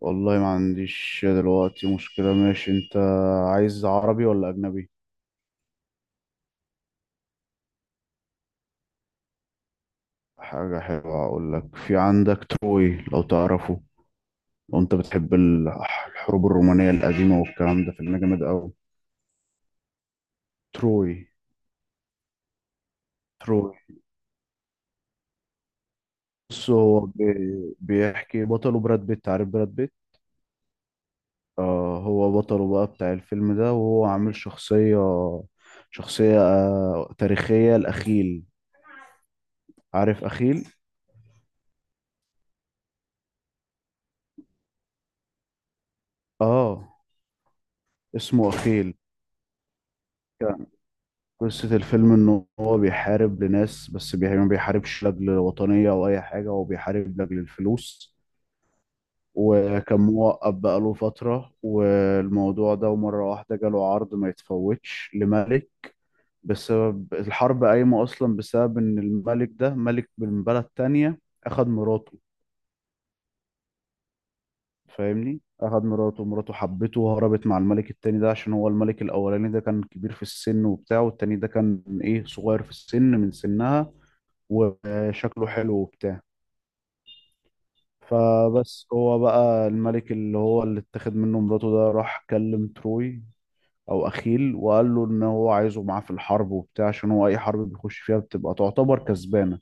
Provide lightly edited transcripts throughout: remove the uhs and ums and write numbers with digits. والله ما عنديش دلوقتي مشكلة. ماشي، انت عايز عربي ولا اجنبي؟ حاجة حلوة اقول لك، في عندك تروي لو تعرفه. لو انت بتحب الحروب الرومانية القديمة والكلام ده، فيلم جامد اوي. تروي. تروي. بص، هو بيحكي، بطله براد بيت. عارف براد بيت؟ آه، هو بطله بقى بتاع الفيلم ده، وهو عامل شخصية تاريخية، الأخيل. عارف أخيل؟ اه. اسمه أخيل. قصة الفيلم إن هو بيحارب لناس، بس يعني ما بيحاربش لأجل وطنية أو أي حاجة، هو بيحارب لأجل الفلوس. وكان موقف بقاله فترة والموضوع ده، ومرة واحدة جاله عرض ما يتفوتش لملك. بسبب الحرب قايمة أصلا بسبب إن الملك ده، ملك من بلد تانية أخد مراته. فاهمني؟ أخد مراته. مراته حبته وهربت مع الملك التاني ده، عشان هو الملك الأولاني ده كان كبير في السن وبتاع، والتاني ده كان إيه، صغير في السن من سنها، وشكله حلو وبتاع. فبس هو بقى الملك، اللي هو اللي اتخذ منه مراته ده، راح كلم تروي او اخيل، وقال له ان هو عايزه معاه في الحرب وبتاع، عشان هو اي حرب بيخش فيها بتبقى تعتبر كسبانة.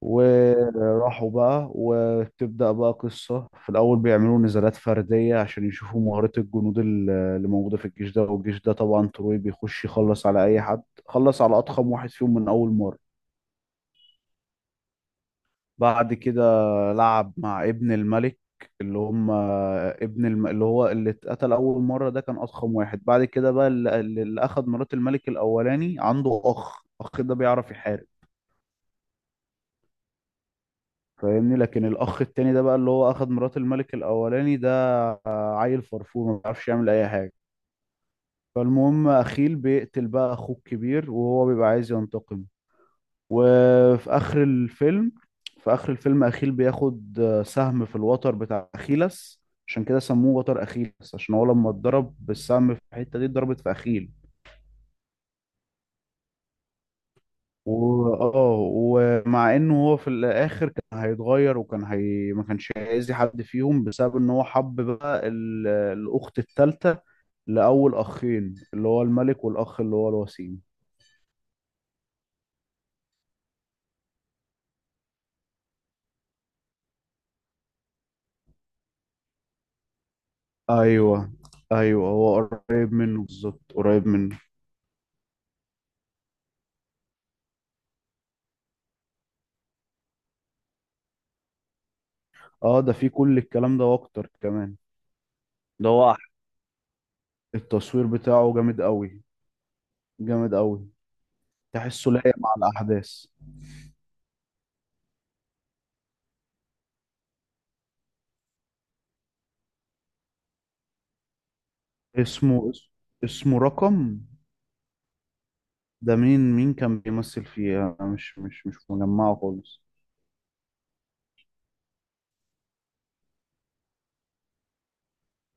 وراحوا بقى، وتبدأ بقى قصة. في الأول بيعملوا نزالات فردية عشان يشوفوا مهارة الجنود اللي موجودة في الجيش ده، والجيش ده طبعا تروي بيخش يخلص على أي حد، خلص على أضخم واحد فيهم من أول مرة. بعد كده لعب مع ابن الملك، اللي هم ابن الم... اللي هو اللي اتقتل أول مرة ده كان أضخم واحد. بعد كده بقى اللي أخد مرات الملك الأولاني، عنده أخ ده بيعرف يحارب. فاهمني؟ لكن الأخ التاني ده بقى، اللي هو أخد مرات الملك الأولاني ده، عيل فرفور ما بيعرفش يعمل أي حاجة. فالمهم أخيل بيقتل بقى أخوه الكبير، وهو بيبقى عايز ينتقم. وفي آخر الفيلم في آخر الفيلم أخيل بياخد سهم في الوتر بتاع أخيلس. عشان كده سموه وتر أخيلس، عشان هو لما اتضرب بالسهم في الحتة دي اتضربت في أخيل. و... اه ومع انه هو في الاخر كان هيتغير، ما كانش هيأذي حد فيهم، بسبب ان هو حب بقى الاخت الثالثه. لاول اخين، اللي هو الملك والاخ اللي هو الوسيم. ايوه، ايوه، هو قريب منه بالظبط، قريب منه. اه، ده فيه كل الكلام ده واكتر كمان. ده هو أح- التصوير بتاعه جامد قوي، جامد قوي. تحسه لايق مع الاحداث. اسمه اس- اسمه رقم. ده مين كان بيمثل فيه؟ انا مش مجمعه خالص.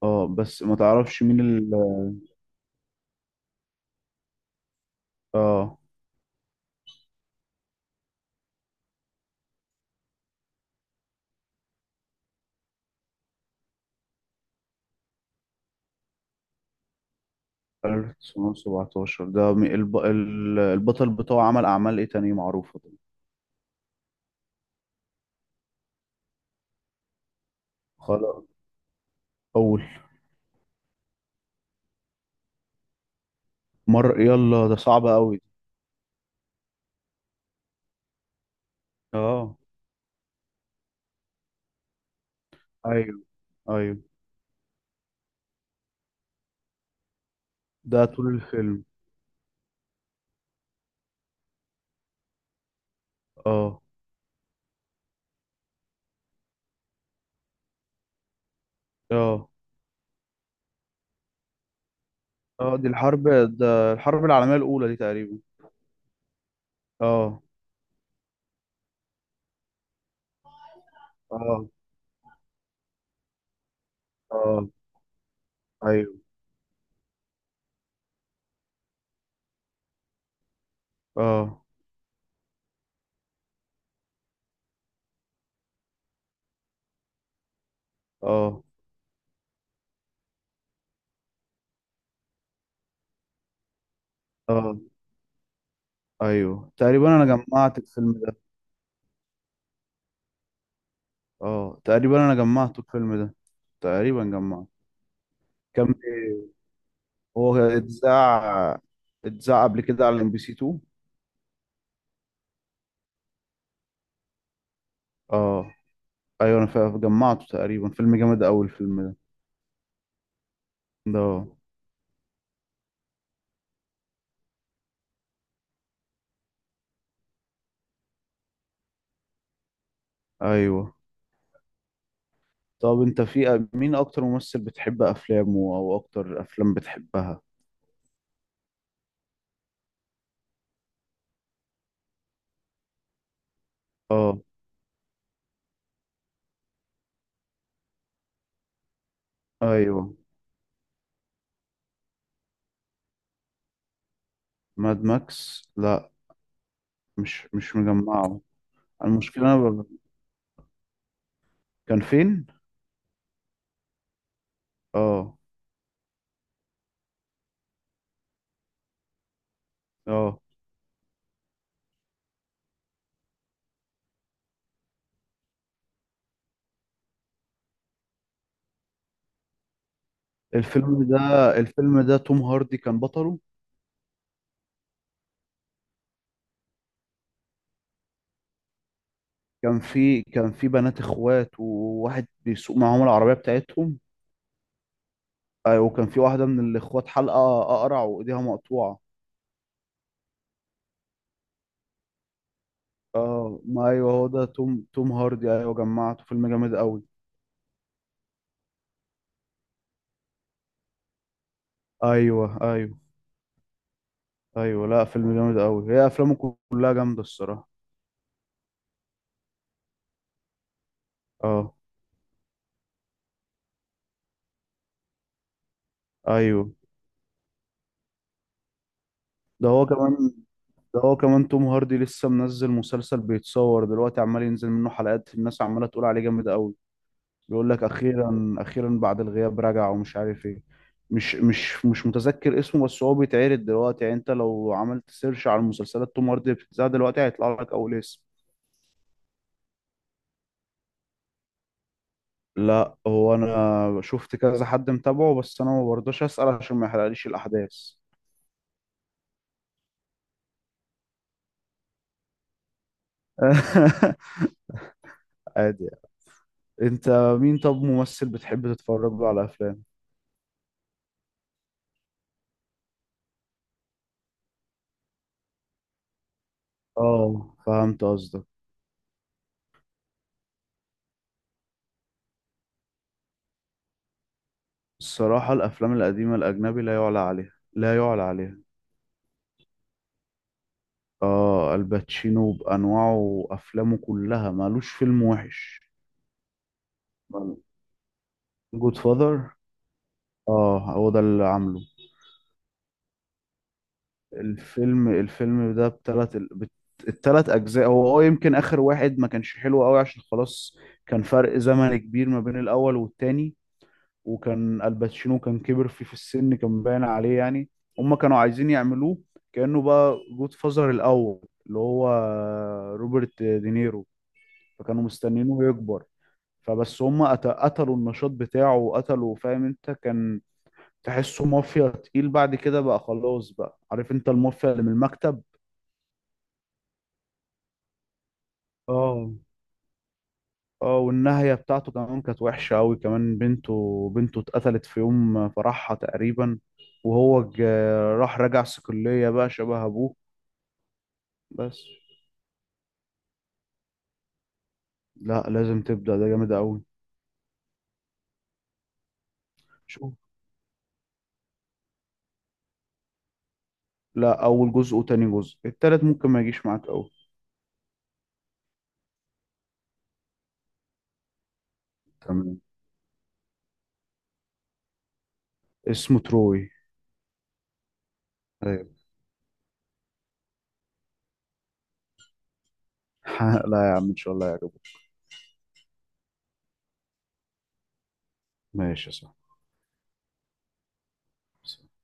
اه، بس ما تعرفش مين ال اه 1917 ده البطل بتاعه عمل اعمال ايه تانية معروفة ده؟ خلاص. اول مرة، يلا، ده صعب قوي. اه. ايوه، ايوه. ده طول الفيلم. اه، اه، اه. دي الحرب ده الحرب العالمية الأولى دي تقريبا. اه، اه، اه، ايوه، اه، اه، اه، ايوه تقريبا انا جمعت الفيلم ده. اه تقريبا انا جمعت الفيلم ده، تقريبا جمعت. كان هو اتذاع قبل كده على MBC 2. اه، ايوه، انا جمعته تقريبا، فيلم جامد قوي الفيلم ده. ايوه. طب انت في مين اكتر ممثل بتحب افلامه، او اكتر افلام بتحبها؟ اه. ايوه. ماد ماكس، لا، مش مجمعه. المشكلة أنا ب... كان فين؟ اه. اه. الفيلم ده الفيلم ده توم هاردي كان بطله. كان في بنات اخوات، وواحد بيسوق معاهم العربية بتاعتهم. ايوه، وكان في واحدة من الاخوات حلقة اقرع وايديها مقطوعة. اه، ما، ايوه، هو ده توم هاردي، ايوه جمعته، فيلم جامد قوي. ايوه، ايوه، ايوه، لا، فيلم جامد قوي، هي افلامه كلها جامدة الصراحة. اه. ايوه. ده هو كمان ده هو كمان توم هاردي لسه منزل مسلسل بيتصور دلوقتي، عمال ينزل منه حلقات، الناس عمالة تقول عليه جامد قوي. بيقول لك اخيرا، اخيرا بعد الغياب رجع ومش عارف ايه. مش متذكر اسمه، بس هو بيتعرض دلوقتي، يعني انت لو عملت سيرش على المسلسلات توم هاردي اللي بتتذاع دلوقتي هيطلع لك اول اسم. لا، هو انا شفت كذا حد متابعه، بس انا ما برضاش اسأل عشان ما يحرقليش الاحداث. عادي يعني. انت، مين طب ممثل بتحب تتفرج له على افلام؟ اه، فهمت قصدك. الصراحة الأفلام القديمة الأجنبي لا يعلى عليها، لا يعلى عليها. آه، الباتشينو بأنواعه وأفلامه كلها مالوش فيلم وحش. جود فاذر. آه، هو ده اللي عامله. الفيلم ده التلات أجزاء هو، يمكن آخر واحد ما كانش حلو أوي، عشان خلاص كان فرق زمن كبير ما بين الأول والتاني. وكان الباتشينو كان كبر فيه في السن، كان باين عليه يعني. هما كانوا عايزين يعملوه كأنه بقى جود فازر الأول، اللي هو روبرت دينيرو، فكانوا مستنيينه يكبر. فبس هما قتلوا النشاط بتاعه وقتلوا. فاهم انت؟ كان تحسه مافيا تقيل. بعد كده بقى خلاص بقى، عارف انت، المافيا اللي من المكتب. اه. اه. والنهاية بتاعته كمان كانت وحشة أوي كمان، بنته اتقتلت في يوم فرحها تقريبا. وهو راح رجع صقلية بقى شبه أبوه. بس. لا، لازم تبدأ، ده جامد أوي. شوف، لا، أول جزء وتاني جزء، التالت ممكن ما يجيش معاك أوي. تمام. اسمه تروي. أيوة. لا يا عم، إن شاء الله يعجبك. ماشي يا صاحبي.